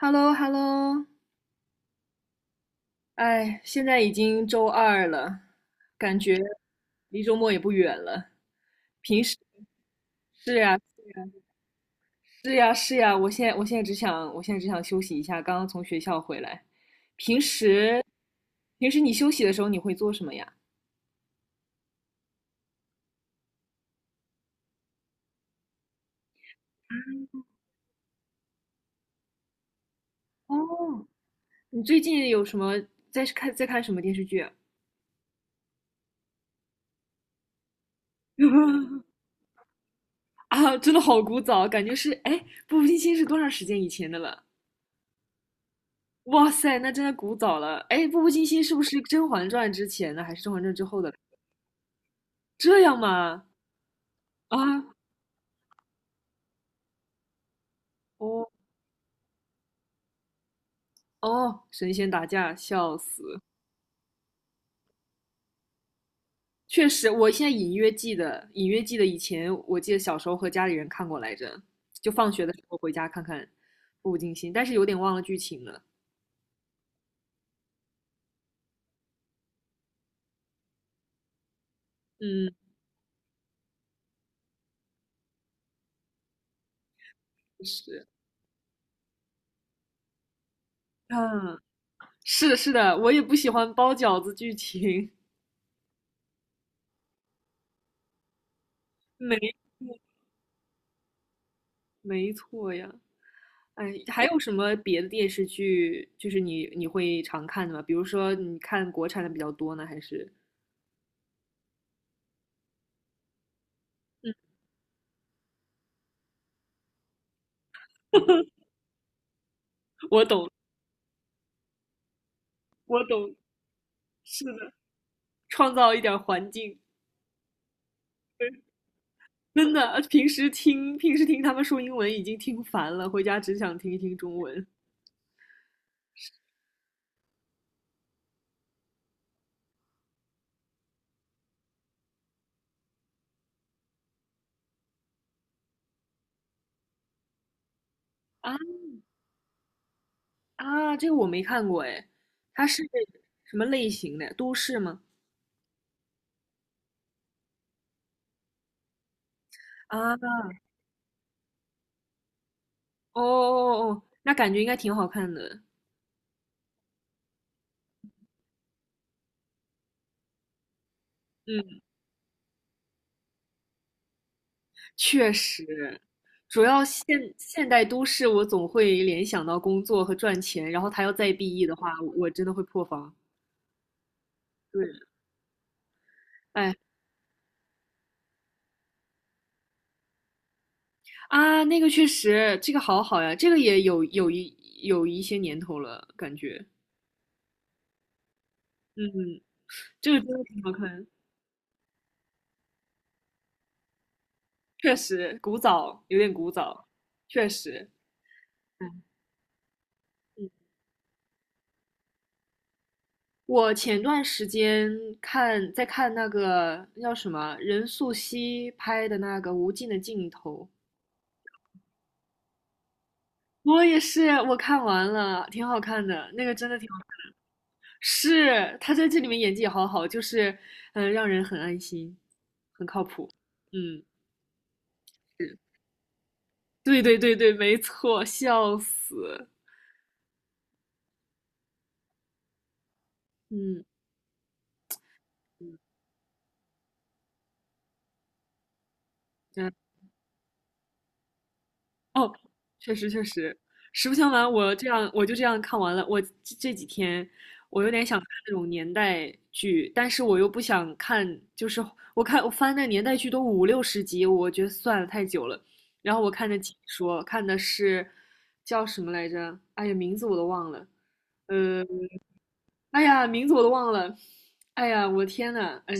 h e l l o h e l l o 哎，现在已经周二了，感觉离周末也不远了。平时是呀，是呀，是呀，我现在只想休息一下，刚刚从学校回来。平时，平时你休息的时候你会做什么呀？哦，你最近有什么在看什么电视剧啊？啊真的好古早，感觉是，哎，《步步惊心》是多长时间以前的了？哇塞，那真的古早了。哎，《步步惊心》是不是《甄嬛传》之前的，还是《甄嬛传》之后的？这样吗？啊，哦。哦，神仙打架，笑死！确实，我现在隐约记得，隐约记得以前，我记得小时候和家里人看过来着，就放学的时候回家看看《步步惊心》，但是有点忘了剧情了。嗯，是，嗯，是的，是的，我也不喜欢包饺子剧情。没，没错呀。哎，还有什么别的电视剧，就是你会常看的吗？比如说你看国产的比较多呢，还是？嗯，我懂，我懂，是的，创造一点儿环境，真的，平时听他们说英文已经听烦了，回家只想听一听中文。啊。啊，这个我没看过哎，它是什么类型的？都市吗？啊，哦。哦。哦，那感觉应该挺好看的。嗯，确实，主要现代都市，我总会联想到工作和赚钱，然后他要再 BE 的话，我真的会破防。对，哎。啊，那个确实，这个好好呀，这个也有一些年头了，感觉，嗯，这个真的挺好看，确实古早，有点古早，确实，嗯。嗯，我前段时间看在看那个叫什么任素汐拍的那个《无尽的尽头》。我也是，我看完了，挺好看的，那个真的挺好看。是，他在这里面演技也好好，就是，嗯。让人很安心，很靠谱。嗯，对对对对，没错，笑死。嗯嗯，嗯，哦，确实确实，实不相瞒，我就这样看完了。我这几天我有点想看那种年代剧，但是我又不想看，就是我翻那年代剧都五六十集，我觉得算了太久了。然后我看的解说，看的是叫什么来着？哎呀，名字我都忘了。呃，哎呀，名字我都忘了。哎呀，我的天呐，哎，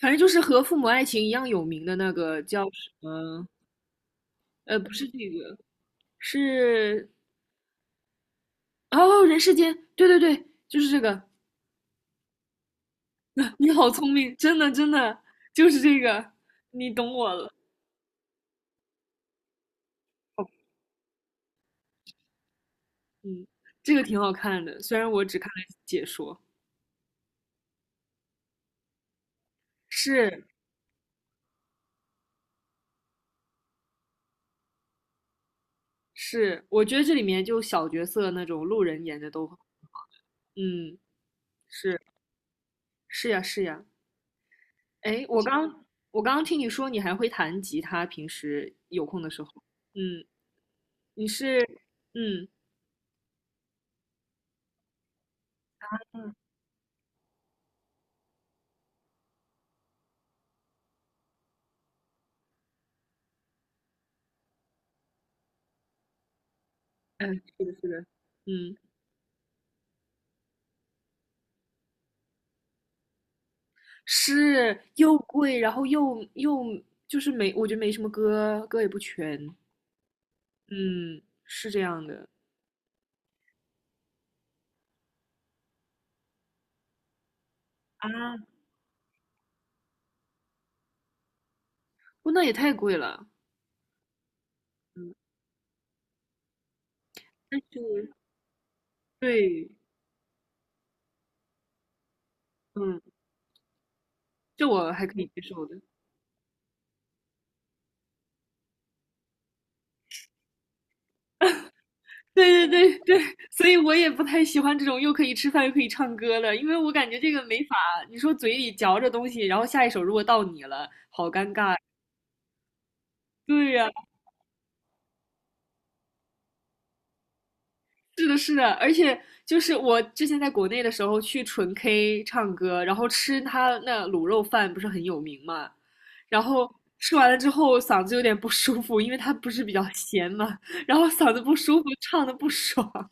反正就是和《父母爱情》一样有名的那个叫什么？不是这个，是。哦，人世间，对对对，就是这个。你好聪明，真的真的就是这个，你懂我了。哦，嗯，这个挺好看的，虽然我只看了解说。是，是，我觉得这里面就小角色那种路人演的都，嗯，是。是呀是呀。哎，我刚刚听你说你还会弹吉他，平时有空的时候，嗯，你是嗯嗯，哎，是的是的，嗯。是又贵，然后又就是没，我觉得没什么歌，歌也不全，嗯，是这样的。啊，不，那也太贵了，嗯，但是对，嗯，这我还可以接受的，对对对对，所以我也不太喜欢这种又可以吃饭又可以唱歌的，因为我感觉这个没法，你说嘴里嚼着东西，然后下一首如果到你了，好尴尬，对呀。是的，是的，而且就是我之前在国内的时候去纯 K 唱歌，然后吃他那卤肉饭不是很有名嘛，然后吃完了之后嗓子有点不舒服，因为他不是比较咸嘛，然后嗓子不舒服，唱的不爽，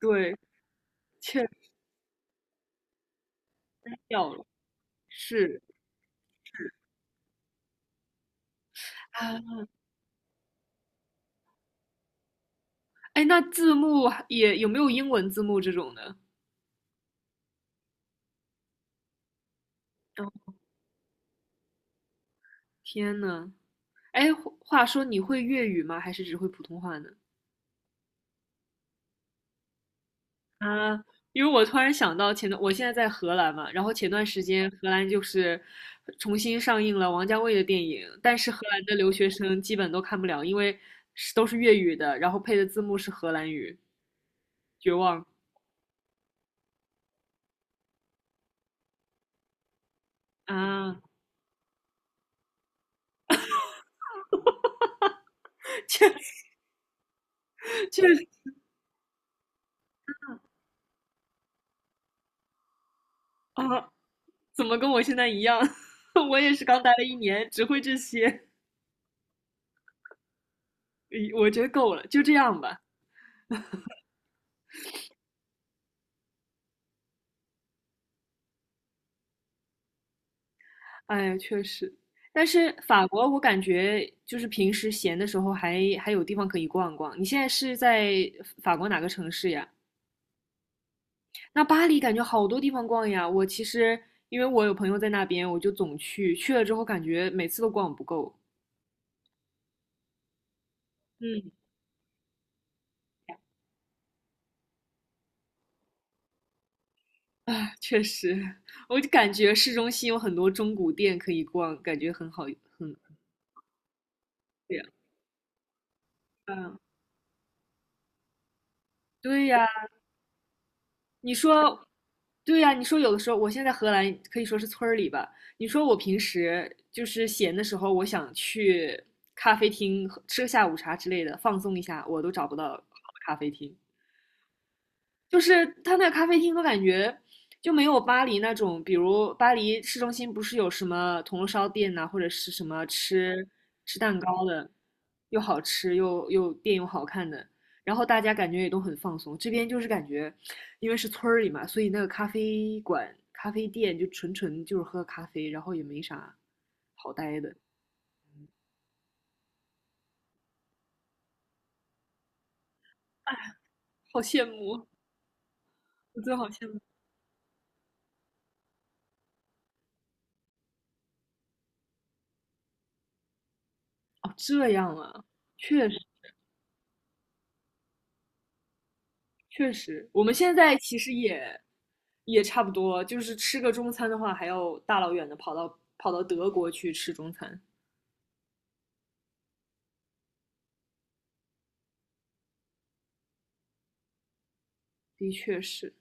对，确实掉了，是啊，哎，那字幕也有没有英文字幕这种的？哦，天呐，哎，话说你会粤语吗？还是只会普通话呢？啊，因为我突然想到前段，我现在在荷兰嘛，然后前段时间荷兰就是重新上映了王家卫的电影，但是荷兰的留学生基本都看不了，因为是都是粤语的，然后配的字幕是荷兰语，绝望啊 确实啊，怎么跟我现在一样？我也是刚待了1年，只会这些，诶我觉得够了，就这样吧。哎呀，确实，但是法国我感觉就是平时闲的时候还有地方可以逛逛。你现在是在法国哪个城市呀？那巴黎感觉好多地方逛呀。我其实因为我有朋友在那边，我就总去，去了之后感觉每次都逛不够。嗯，啊，确实，我就感觉市中心有很多中古店可以逛，感觉很好，很对呀。嗯，对呀，你说，对呀、你说有的时候，我现在荷兰可以说是村儿里吧。你说我平时就是闲的时候，我想去咖啡厅喝吃个下午茶之类的，放松一下，我都找不到好的咖啡厅。就是他那个咖啡厅，都感觉就没有巴黎那种，比如巴黎市中心不是有什么铜锣烧店呐、或者是什么吃蛋糕的，又好吃又店又好看的，然后大家感觉也都很放松。这边就是感觉，因为是村儿里嘛，所以那个咖啡馆、咖啡店就纯纯就是喝咖啡，然后也没啥好待的，好羡慕，我真的好羡慕。哦，这样啊，确实。确实，我们现在其实也差不多，就是吃个中餐的话，还要大老远的跑到德国去吃中餐，的确是，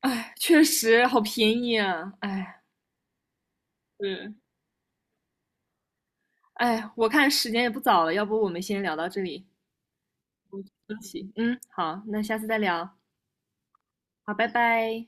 哎，确实好便宜啊，哎，是，哎，我看时间也不早了，要不我们先聊到这里，嗯行，嗯，好，那下次再聊，好，拜拜。